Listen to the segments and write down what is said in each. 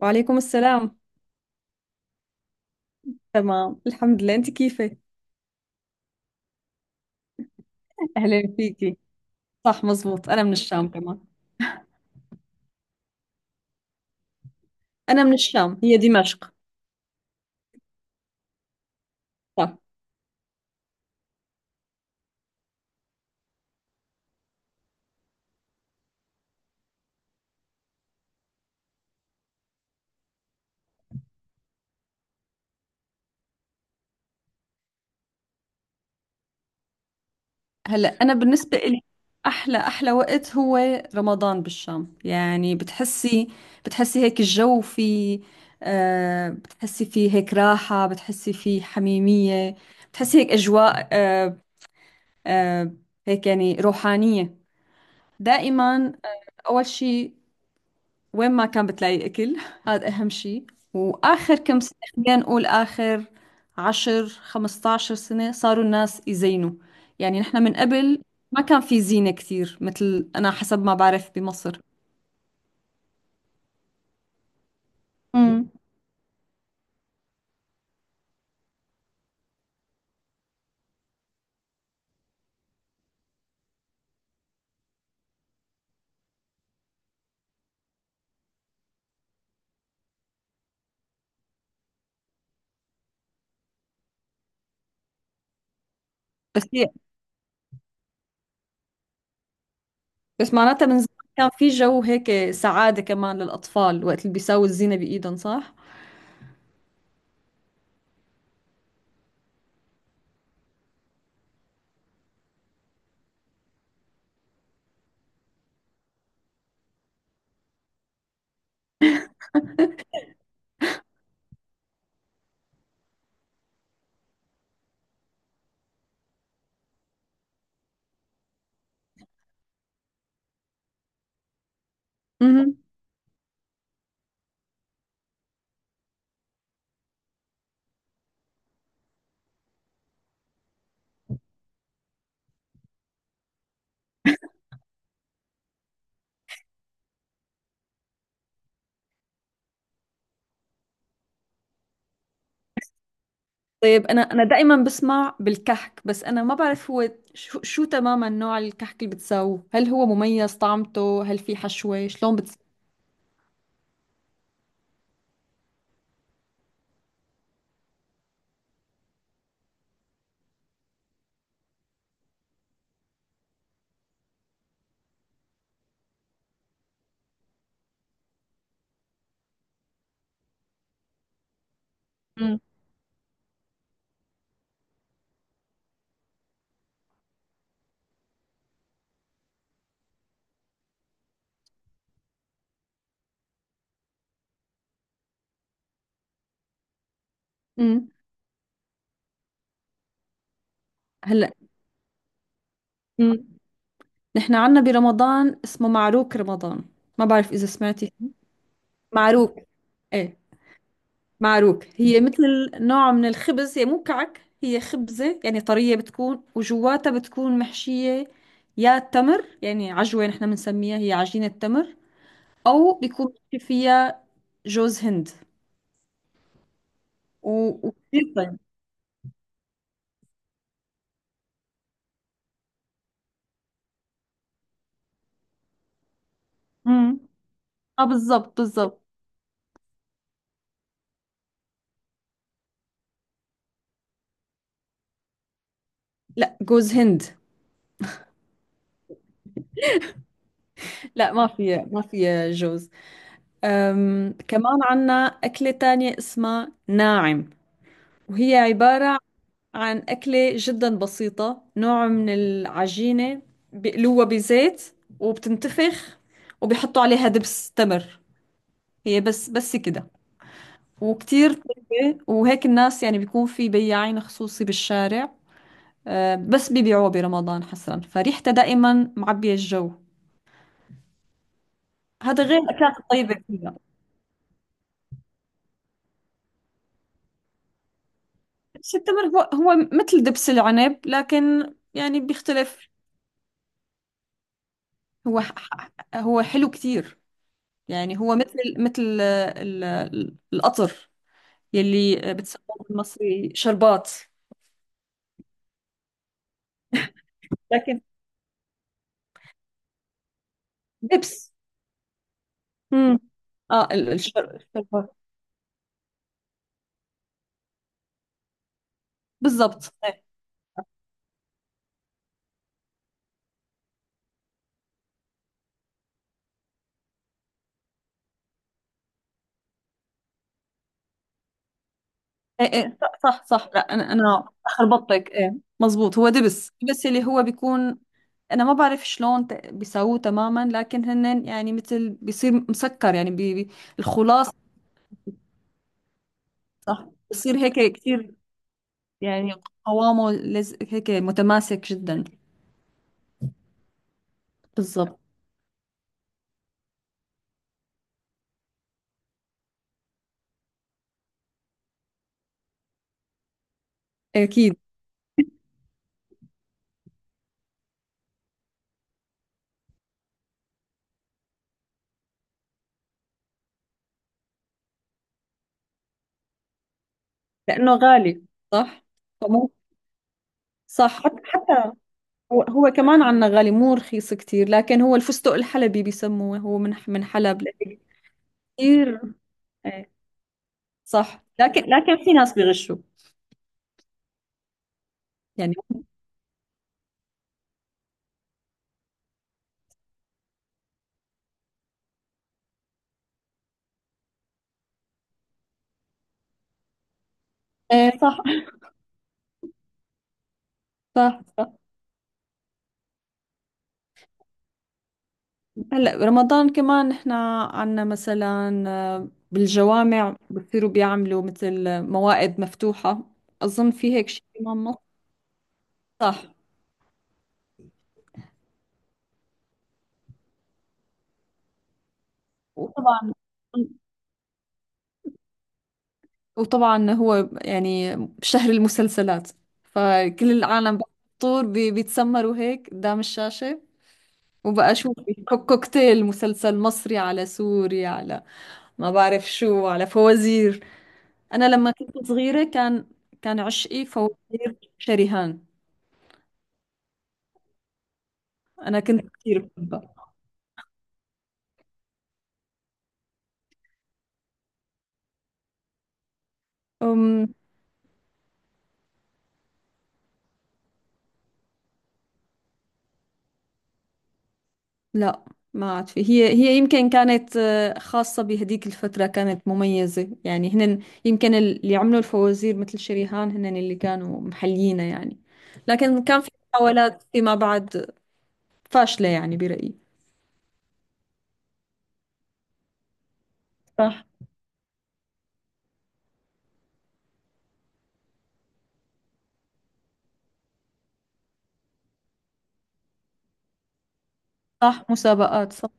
وعليكم السلام. تمام، الحمد لله. انت كيفك؟ أهلا فيكي. صح مزبوط، انا من الشام كمان. انا من الشام، هي دمشق. صح. هلا، انا بالنسبه لي احلى احلى وقت هو رمضان بالشام. يعني بتحسي هيك الجو في، بتحسي فيه هيك راحه، بتحسي فيه حميميه، بتحسي هيك اجواء آه هيك يعني روحانيه دائما. اول شيء، وين ما كان بتلاقي أكل، هذا أهم شيء. وآخر كم سنة، خلينا نقول آخر 10 15 سنة، صاروا الناس يزينوا. يعني نحن من قبل ما كان في زينة كثير، مثل أنا حسب ما بعرف بمصر. امم. بس هي بس معناتها من زمان كان في جو هيك سعادة كمان للأطفال، وقت اللي بيساووا الزينة بإيدهم، صح؟ امم. طيب، انا دائما بسمع بالكحك. بس انا ما بعرف هو شو تماما نوع الكحك اللي بتساووه. هل هو مميز طعمته؟ هل في حشوة؟ شلون بتس... مم. امم. هلا. مم. نحن عنا برمضان اسمه معروك رمضان. ما بعرف اذا سمعتي معروك. ايه، معروك. هي مثل نوع من الخبز، هي مو كعك، هي خبزة يعني طرية بتكون، وجواتها بتكون محشية يا تمر، يعني عجوة نحن بنسميها، هي عجينة تمر، او بيكون ماشي فيها جوز هند. وكثير طيب. امم. اه، بالضبط بالضبط. لا، جوز هند. لا، ما فيها جوز. كمان عنا أكلة تانية اسمها ناعم، وهي عبارة عن أكلة جدا بسيطة، نوع من العجينة، بيقلوها بزيت وبتنتفخ، وبيحطوا عليها دبس تمر. هي بس كده، وكتير طيبة. وهيك الناس يعني بيكون في بياعين خصوصي بالشارع، بس بيبيعوه برمضان حصرا، فريحته دائما معبية الجو. هذا غير الأكلات الطيبة فيها. بس التمر هو مثل دبس العنب، لكن يعني بيختلف. هو حلو كتير. يعني هو مثل القطر، يلي بتسموه بالمصري شربات. لكن دبس. امم. اه، الشربات. بالضبط. ايه ايه إيه، صح صح صح. لا، انا خربطتك. ايه، مزبوط. هو دبس اللي هو بيكون. انا ما بعرف شلون بيسووه تماما، لكن هن يعني مثل بيصير مسكر يعني بي بي الخلاص. صح، بيصير هيك كثير يعني، قوامه لز هيك متماسك جدا. بالضبط. اكيد، لانه غالي. صح. فمو صح. حتى هو كمان عنا غالي، مو رخيص كتير. لكن هو الفستق الحلبي بيسموه، هو من حلب لهيك. كتير، إيه. صح، لكن في ناس بيغشوا يعني. ايه، صح صح صح. هلا، رمضان كمان احنا عنا مثلا بالجوامع بصيروا بيعملوا مثل موائد مفتوحة. أظن في هيك شيء كمان مصر. صح. وطبعا هو يعني شهر المسلسلات، فكل العالم بفطور بيتسمروا هيك قدام الشاشة. وبقى شو في كوكتيل، مسلسل مصري على سوري على، ما بعرف شو، على فوازير. أنا لما كنت صغيرة كان عشقي فوازير شريهان. انا كنت كتير بحبها. أم لا، ما عاد في. هي يمكن كانت خاصة بهديك الفترة كانت مميزة يعني. هن يمكن اللي عملوا الفوازير مثل شريهان، هن اللي كانوا محليينها يعني. لكن كان في محاولات فيما بعد فاشلة يعني، برأيي. صح صح، مسابقات، صح.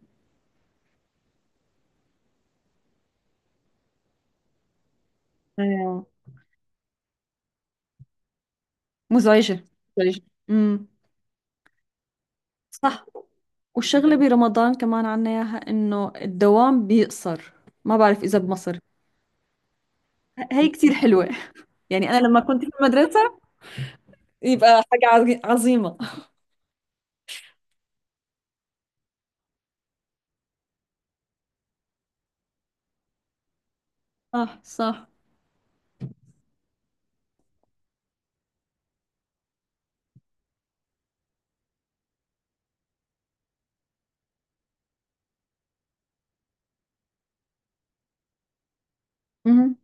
ايوه. مزعجة. ليش؟ امم. صح. والشغلة برمضان كمان عنا إياها، إنه الدوام بيقصر. ما بعرف إذا بمصر. هي كتير حلوة يعني. أنا لما كنت في المدرسة يبقى حاجة عظيمة. صح صح. مهم.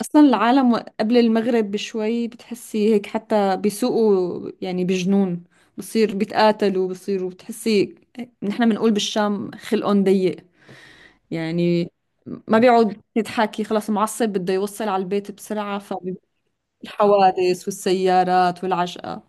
اصلا العالم قبل المغرب بشوي بتحسي هيك، حتى بيسوقوا يعني بجنون. بصير بيتقاتلوا بصيروا بتحسي، نحن بنقول بالشام خلقهم ضيق يعني، ما بيقعد يتحكي، خلاص معصب بده يوصل على البيت بسرعة. فالحوادث والسيارات والعجقة.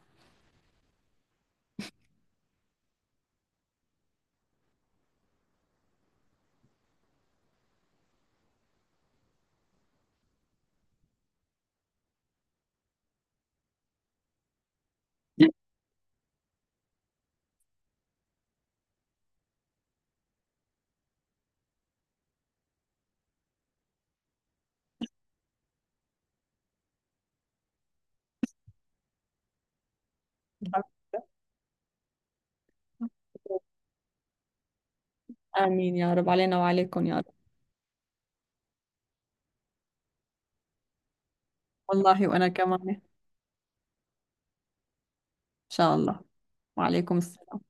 آمين يا رب، علينا وعليكم يا رب. والله وأنا كمان إن شاء الله. وعليكم السلام.